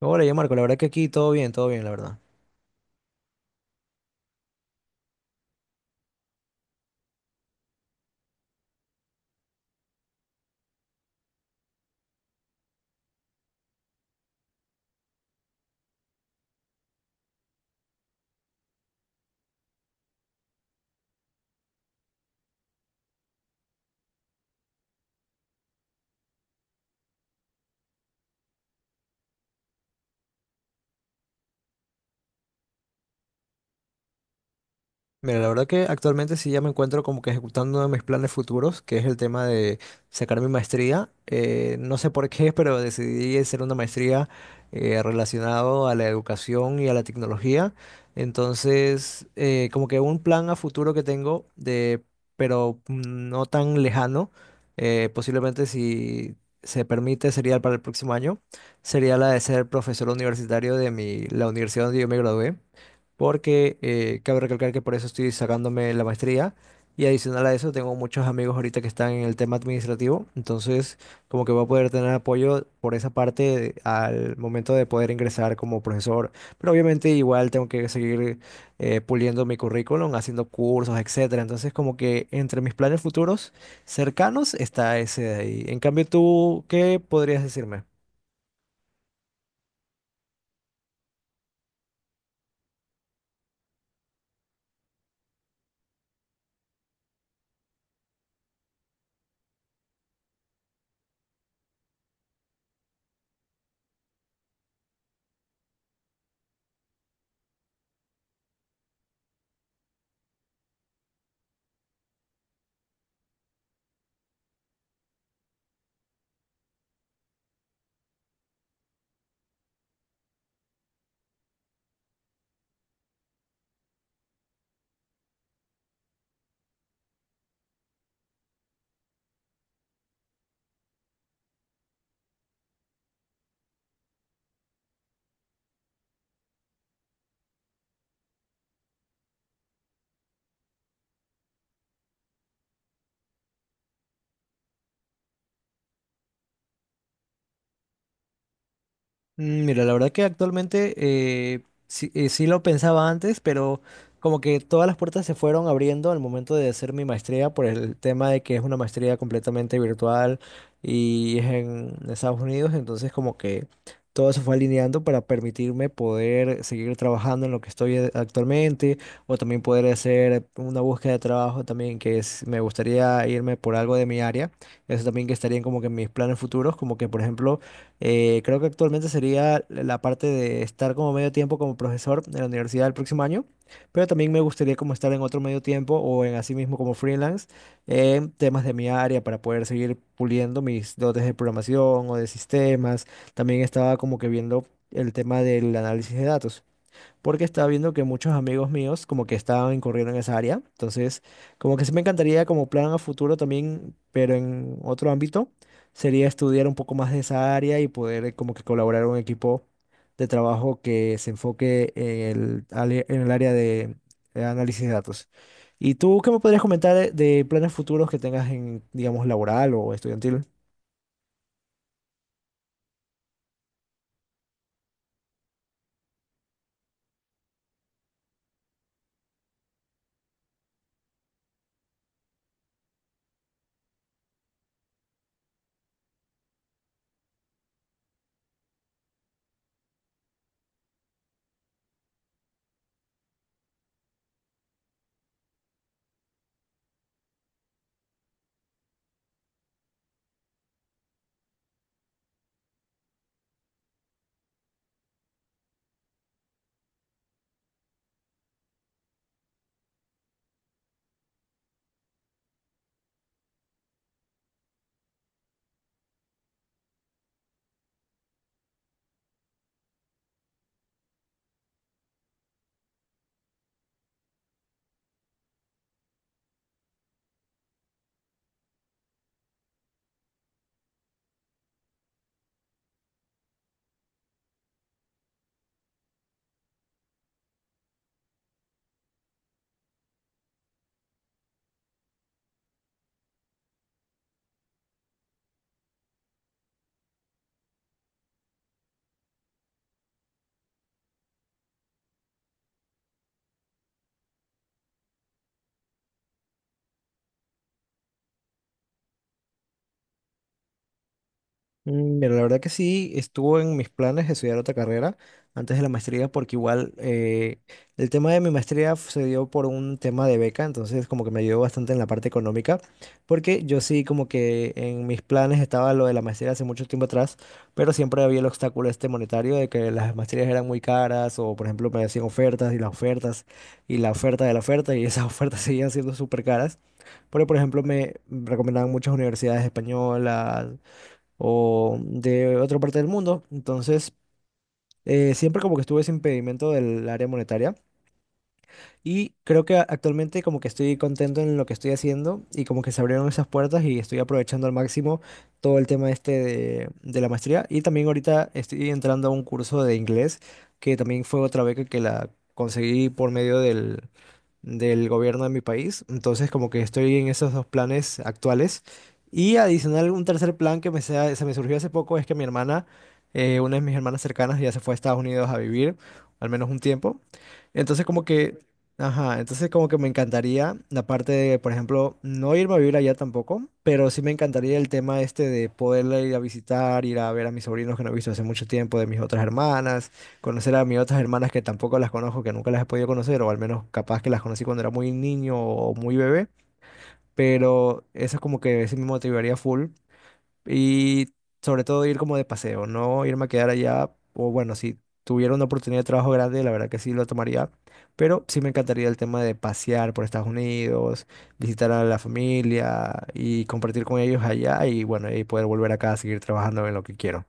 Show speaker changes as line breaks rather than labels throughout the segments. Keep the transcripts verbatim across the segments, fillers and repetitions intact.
Hola, ya Marco, la verdad que aquí todo bien, todo bien, la verdad. Mira, la verdad que actualmente sí ya me encuentro como que ejecutando uno de mis planes futuros, que es el tema de sacar mi maestría. Eh, no sé por qué, pero decidí hacer una maestría eh, relacionado a la educación y a la tecnología. Entonces, eh, como que un plan a futuro que tengo de, pero mm, no tan lejano, eh, posiblemente si se permite sería para el próximo año, sería la de ser profesor universitario de mi, la universidad donde yo me gradué. Porque eh, cabe recalcar que por eso estoy sacándome la maestría, y adicional a eso tengo muchos amigos ahorita que están en el tema administrativo. Entonces, como que voy a poder tener apoyo por esa parte al momento de poder ingresar como profesor, pero obviamente igual tengo que seguir eh, puliendo mi currículum, haciendo cursos, etcétera. Entonces, como que entre mis planes futuros cercanos está ese de ahí. En cambio, tú, ¿qué podrías decirme? Mm, Mira, la verdad que actualmente, eh, sí, eh, sí lo pensaba antes, pero como que todas las puertas se fueron abriendo al momento de hacer mi maestría por el tema de que es una maestría completamente virtual y es en Estados Unidos. Entonces, como que todo se fue alineando para permitirme poder seguir trabajando en lo que estoy eh, actualmente, o también poder hacer una búsqueda de trabajo también que es, me gustaría irme por algo de mi área. Eso también que estaría como que en mis planes futuros, como que por ejemplo, eh, creo que actualmente sería la parte de estar como medio tiempo como profesor en la universidad el próximo año, pero también me gustaría como estar en otro medio tiempo o en así mismo como freelance en temas de mi área para poder seguir puliendo mis dotes de programación o de sistemas. También estaba como que viendo el tema del análisis de datos, porque estaba viendo que muchos amigos míos como que estaban incurriendo en esa área. Entonces, como que sí me encantaría como plan a futuro también, pero en otro ámbito, sería estudiar un poco más de esa área y poder, eh, como que colaborar en un equipo de trabajo que se enfoque en el, ale- en el área de eh, análisis de datos. ¿Y tú qué me podrías comentar de de planes futuros que tengas en, digamos, laboral o estudiantil? Mm, Pero la verdad que sí, estuvo en mis planes de estudiar otra carrera antes de la maestría, porque igual, eh, el tema de mi maestría f- se dio por un tema de beca, entonces como que me ayudó bastante en la parte económica, porque yo sí como que en mis planes estaba lo de la maestría hace mucho tiempo atrás. Pero siempre había el obstáculo este monetario de que las maestrías eran muy caras, o por ejemplo me hacían ofertas, y las ofertas y la oferta de la oferta, y esas ofertas seguían siendo súper caras, porque por ejemplo me recomendaban muchas universidades españolas o de otra parte del mundo. Entonces, eh, siempre como que estuve ese impedimento del área monetaria, y creo que a- actualmente como que estoy contento en lo que estoy haciendo, y como que se abrieron esas puertas y estoy aprovechando al máximo todo el tema este de, de la maestría. Y también ahorita estoy entrando a un curso de inglés, que también fue otra beca, que la conseguí por medio del del gobierno de mi país. Entonces, como que estoy en esos dos planes actuales. Y adicional, un tercer plan que me sea- se me surgió hace poco, es que mi hermana, eh, una de mis hermanas cercanas, ya se fue a Estados Unidos a vivir, al menos un tiempo. Entonces, como que, ajá, entonces como que me encantaría la parte de, por ejemplo, no irme a vivir allá tampoco, pero sí me encantaría el tema este de poderla ir a visitar, ir a ver a mis sobrinos que no he visto hace mucho tiempo, de mis otras hermanas, conocer a mis otras hermanas que tampoco las conozco, que nunca las he podido conocer, o al menos capaz que las conocí cuando era muy niño o muy bebé. Pero eso es como que ese me motivaría full, y sobre todo ir como de paseo, no irme a quedar allá. O bueno, si tuviera una oportunidad de trabajo grande, la verdad que sí lo tomaría, pero sí me encantaría el tema de pasear por Estados Unidos, visitar a la familia y compartir con ellos allá. Y bueno, y poder volver acá a seguir trabajando en lo que quiero.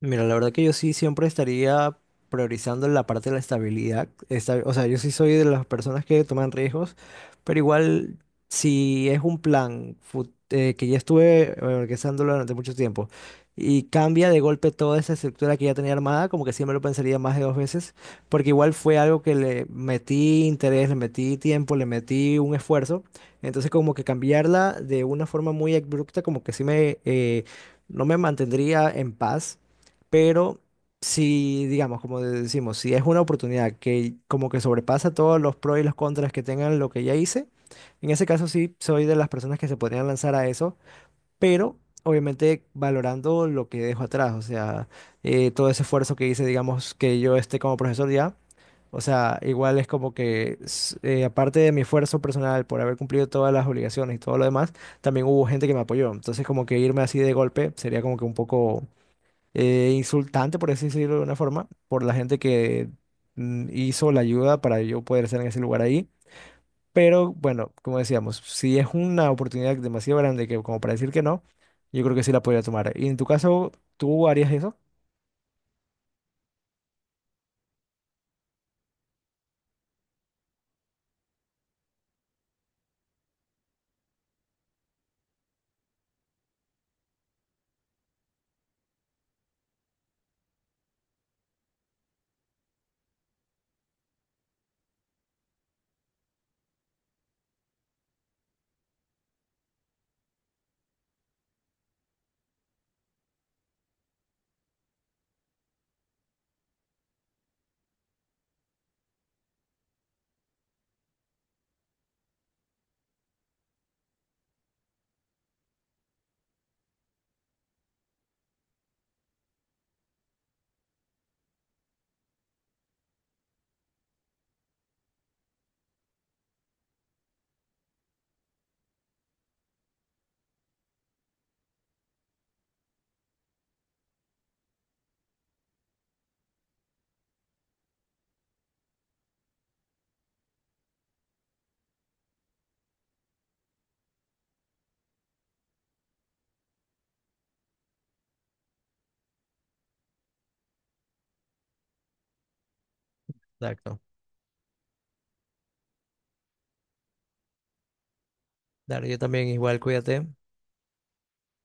Mira, la verdad que yo sí siempre estaría priorizando la parte de la estabilidad. Esta- o sea, yo sí soy de las personas que toman riesgos, pero igual si es un plan fut- eh, que ya estuve eh, organizándolo durante mucho tiempo, y cambia de golpe toda esa estructura que ya tenía armada, como que siempre lo pensaría más de dos veces, porque igual fue algo que le metí interés, le metí tiempo, le metí un esfuerzo. Entonces como que cambiarla de una forma muy abrupta, como que sí me... eh, no me mantendría en paz. Pero si, digamos, como decimos, si es una oportunidad que como que sobrepasa todos los pros y los contras que tengan lo que ya hice, en ese caso sí soy de las personas que se podrían lanzar a eso, pero obviamente valorando lo que dejo atrás. O sea, eh, todo ese esfuerzo que hice, digamos, que yo esté como profesor ya. O sea, igual es como que, s- eh, aparte de mi esfuerzo personal por haber cumplido todas las obligaciones y todo lo demás, también hubo gente que me apoyó. Entonces, como que irme así de golpe sería como que un poco, eh, insultante, por así decirlo de una forma, por la gente que mm, hizo la ayuda para yo poder estar en ese lugar ahí. Pero bueno, como decíamos, si es una oportunidad demasiado grande que como para decir que no, yo creo que sí la podría tomar. Y en tu caso, ¿tú harías eso? Exacto. Claro, yo también igual, cuídate.